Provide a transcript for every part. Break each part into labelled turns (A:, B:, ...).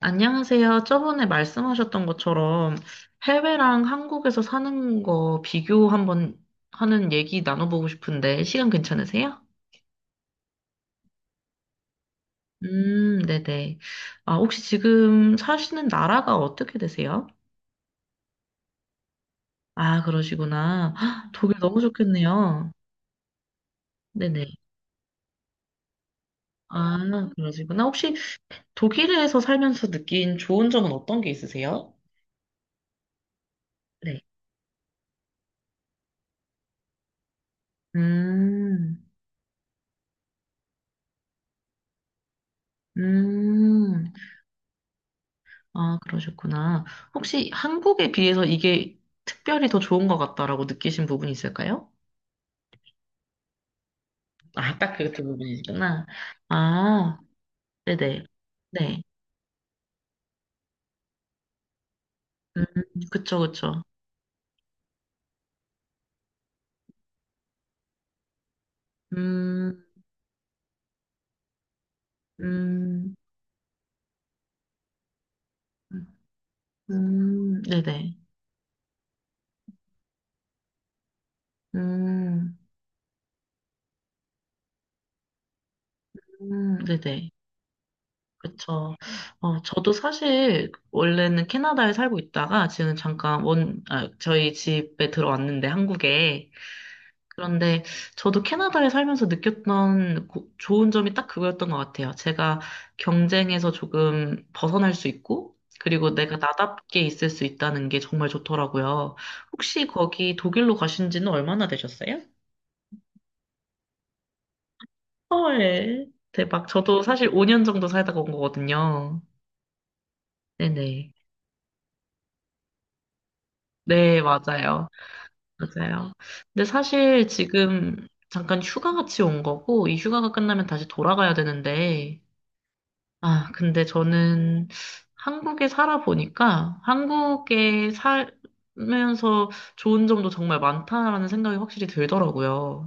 A: 안녕하세요. 저번에 말씀하셨던 것처럼 해외랑 한국에서 사는 거 비교 한번 하는 얘기 나눠보고 싶은데 시간 괜찮으세요? 네네. 아, 혹시 지금 사시는 나라가 어떻게 되세요? 아, 그러시구나. 헉, 독일 너무 좋겠네요. 네네. 아, 그러시구나. 혹시 독일에서 살면서 느낀 좋은 점은 어떤 게 있으세요? 네. 음, 음. 아, 그러셨구나. 혹시 한국에 비해서 이게 특별히 더 좋은 것 같다라고 느끼신 부분이 있을까요? 아, 딱 그 두 부분이시구나. 아, 네네. 네. 음, 그쵸, 그쵸. 음, 음, 네네. 음, 네네. 그쵸. 저도 사실 원래는 캐나다에 살고 있다가 지금 잠깐 아, 저희 집에 들어왔는데 한국에 그런데 저도 캐나다에 살면서 느꼈던 좋은 점이 딱 그거였던 것 같아요. 제가 경쟁에서 조금 벗어날 수 있고, 그리고 내가 나답게 있을 수 있다는 게 정말 좋더라고요. 혹시 거기 독일로 가신 지는 얼마나 되셨어요? 헐, 대박. 저도 사실 5년 정도 살다가 온 거거든요. 네네. 네, 맞아요. 맞아요. 근데 사실 지금 잠깐 휴가 같이 온 거고, 이 휴가가 끝나면 다시 돌아가야 되는데, 아, 근데 저는 한국에 살아보니까 한국에 살면서 좋은 점도 정말 많다라는 생각이 확실히 들더라고요.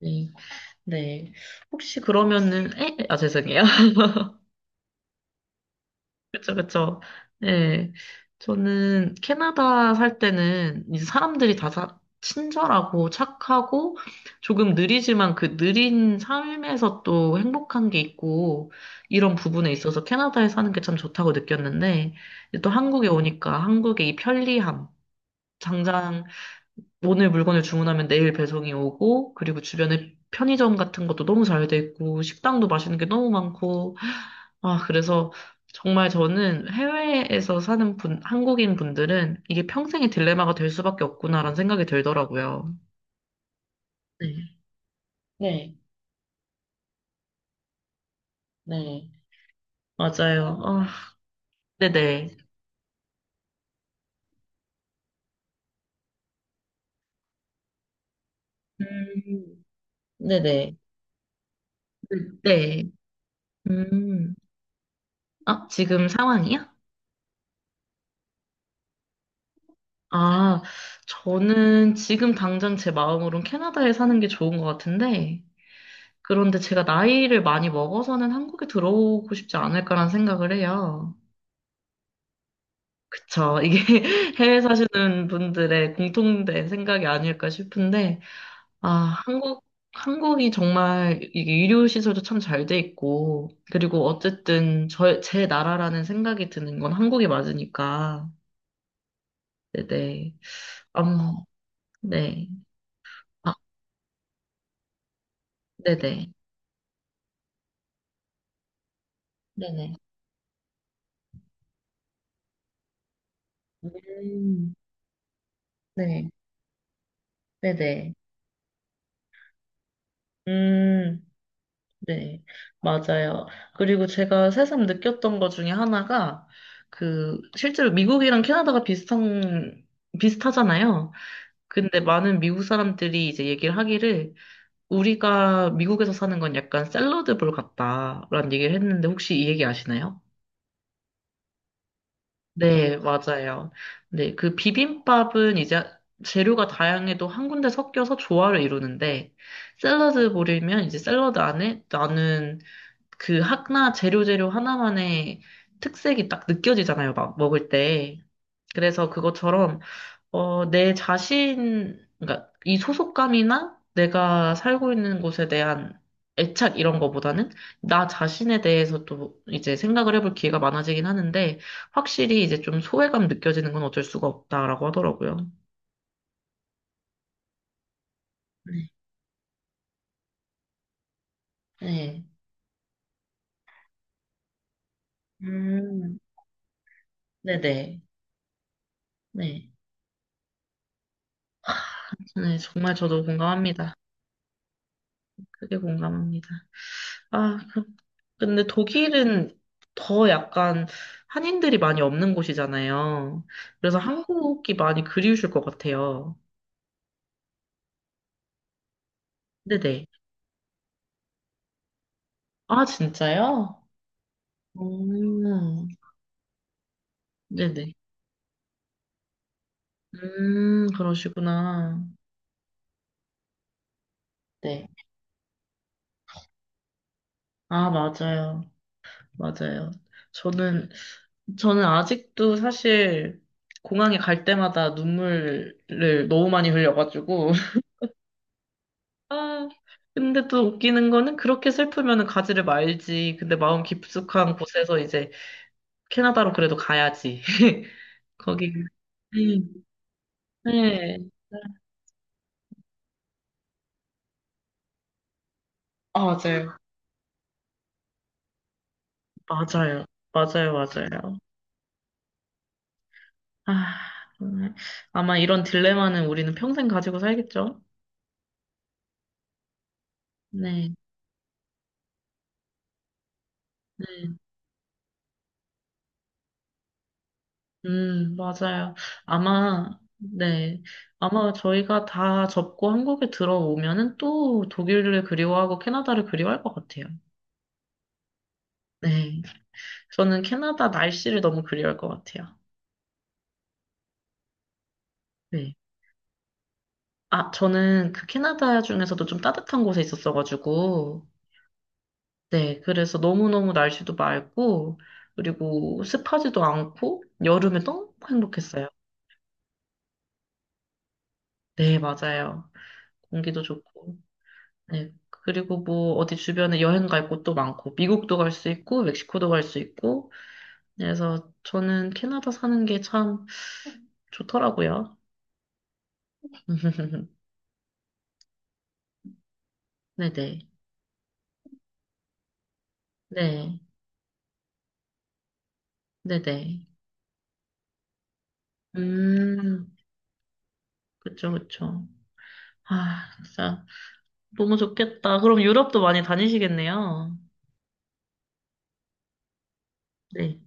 A: 네. 네. 혹시 그러면은, 에? 아, 죄송해요. 그쵸, 그쵸. 네, 저는 캐나다 살 때는 이제 사람들이 친절하고 착하고 조금 느리지만 그 느린 삶에서 또 행복한 게 있고 이런 부분에 있어서 캐나다에 사는 게 참 좋다고 느꼈는데 이제 또 한국에 오니까 한국의 이 편리함, 당장 오늘 물건을 주문하면 내일 배송이 오고, 그리고 주변에 편의점 같은 것도 너무 잘 돼 있고, 식당도 맛있는 게 너무 많고, 아, 그래서 정말 저는 해외에서 사는 분, 한국인 분들은 이게 평생의 딜레마가 될 수밖에 없구나라는 생각이 들더라고요. 네, 네, 네. 맞아요. 아, 네네. 음, 네네. 네. 음, 아, 지금 상황이요? 아, 저는 지금 당장 제 마음으론 캐나다에 사는 게 좋은 것 같은데, 그런데 제가 나이를 많이 먹어서는 한국에 들어오고 싶지 않을까라는 생각을 해요. 그쵸. 이게 해외 사시는 분들의 공통된 생각이 아닐까 싶은데, 아, 한국, 한국이 정말 이게 의료시설도 참 잘 돼 있고, 그리고 어쨌든 제 나라라는 생각이 드는 건 한국이 맞으니까. 네네. 아무, 네. 아, 네네. 네네. 음, 네, 네네. 음, 네, 맞아요. 그리고 제가 새삼 느꼈던 것 중에 하나가, 실제로 미국이랑 캐나다가 비슷하잖아요. 근데 많은 미국 사람들이 이제 얘기를 하기를, 우리가 미국에서 사는 건 약간 샐러드볼 같다라는 얘기를 했는데, 혹시 이 얘기 아시나요? 네, 맞아요. 네, 그 비빔밥은 이제 재료가 다양해도 한 군데 섞여서 조화를 이루는데, 샐러드 볼이면 이제 샐러드 안에 나는 재료 하나만의 특색이 딱 느껴지잖아요, 막 먹을 때. 그래서 그것처럼 내 자신, 그러니까 이 소속감이나 내가 살고 있는 곳에 대한 애착 이런 거보다는 나 자신에 대해서 또 이제 생각을 해볼 기회가 많아지긴 하는데 확실히 이제 좀 소외감 느껴지는 건 어쩔 수가 없다라고 하더라고요. 네. 네. 음. 네네. 네. 네, 정말 저도 공감합니다. 크게 공감합니다. 아, 그- 근데 독일은 더 약간 한인들이 많이 없는 곳이잖아요. 그래서 한국이 많이 그리우실 것 같아요. 네네. 아, 진짜요? 음, 네네. 그러시구나. 네. 아, 맞아요. 맞아요. 저는, 저는 아직도 사실 공항에 갈 때마다 눈물을 너무 많이 흘려가지고, 아, 근데 또 웃기는 거는 그렇게 슬프면 가지를 말지. 근데 마음 깊숙한 곳에서 이제 캐나다로 그래도 가야지. 거기. 음. 네. 아, 맞아요. 맞아요. 맞아요. 아, 정말. 아마 이런 딜레마는 우리는 평생 가지고 살겠죠? 네. 네. 맞아요. 아마, 네. 아마 저희가 다 접고 한국에 들어오면은 또 독일을 그리워하고 캐나다를 그리워할 것 같아요. 네. 저는 캐나다 날씨를 너무 그리워할 것 같아요. 네. 아, 저는 그 캐나다 중에서도 좀 따뜻한 곳에 있었어가지고, 네. 그래서 너무너무 날씨도 맑고, 그리고 습하지도 않고, 여름에 너무 행복했어요. 네, 맞아요. 공기도 좋고, 네. 그리고 뭐, 어디 주변에 여행 갈 곳도 많고, 미국도 갈 수 있고, 멕시코도 갈 수 있고, 그래서 저는 캐나다 사는 게 참 좋더라고요. 네네. 네. 네네. 음, 그쵸, 그쵸. 아, 진짜 너무 좋겠다. 그럼 유럽도 많이 다니시겠네요. 네.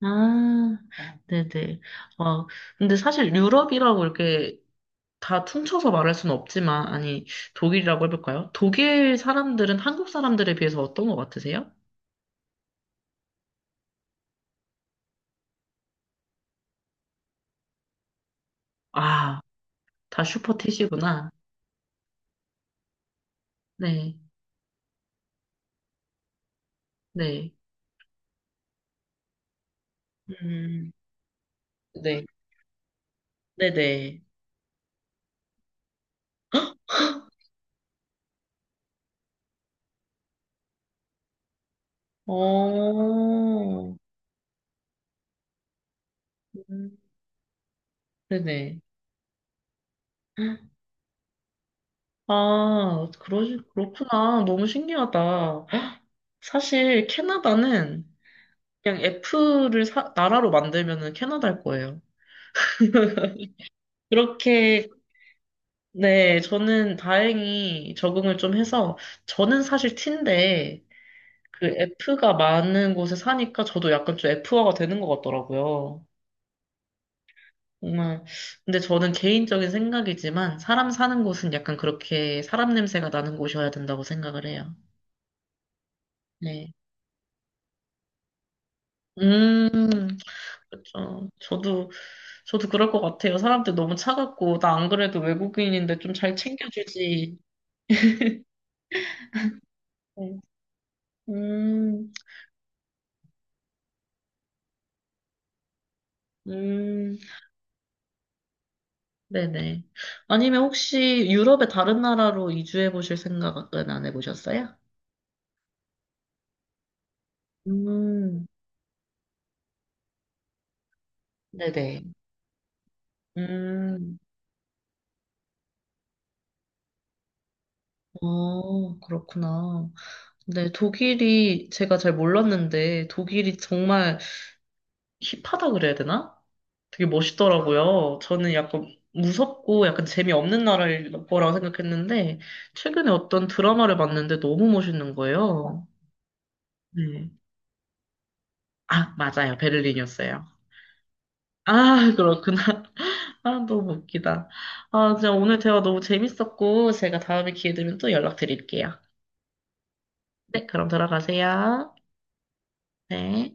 A: 아, 네네. 어 근데 사실 유럽이라고 이렇게 다 퉁쳐서 말할 수는 없지만, 아니, 독일이라고 해볼까요? 독일 사람들은 한국 사람들에 비해서 어떤 것 같으세요? 아, 다 슈퍼티시구나. 네, 네. 음, 네, 네네. 어, 음, 네네. 아, 그러, 그렇구나. 너무 신기하다. 사실 캐나다는 그냥 F를 나라로 만들면은 캐나다일 거예요. 그렇게, 네, 저는 다행히 적응을 좀 해서, 저는 사실 T인데, 그 F가 많은 곳에 사니까 저도 약간 좀 F화가 되는 것 같더라고요. 정말. 근데 저는 개인적인 생각이지만, 사람 사는 곳은 약간 그렇게 사람 냄새가 나는 곳이어야 된다고 생각을 해요. 네. 음, 그쵸. 저도 그럴 것 같아요. 사람들 너무 차갑고, 나 안 그래도 외국인인데 좀 잘 챙겨주지. 네. 음, 음, 네네. 아니면 혹시 유럽의 다른 나라로 이주해 보실 생각은 안 해보셨어요? 음, 네네. 음, 어, 그렇구나. 네, 독일이 제가 잘 몰랐는데, 독일이 정말 힙하다 그래야 되나? 되게 멋있더라고요. 저는 약간 무섭고 약간 재미없는 나라일 거라고 생각했는데, 최근에 어떤 드라마를 봤는데 너무 멋있는 거예요. 네. 아, 맞아요. 베를린이었어요. 아, 그렇구나. 아, 너무 웃기다. 아, 진짜 오늘 대화 너무 재밌었고, 제가 다음에 기회 되면 또 연락드릴게요. 네, 그럼 들어가세요. 네.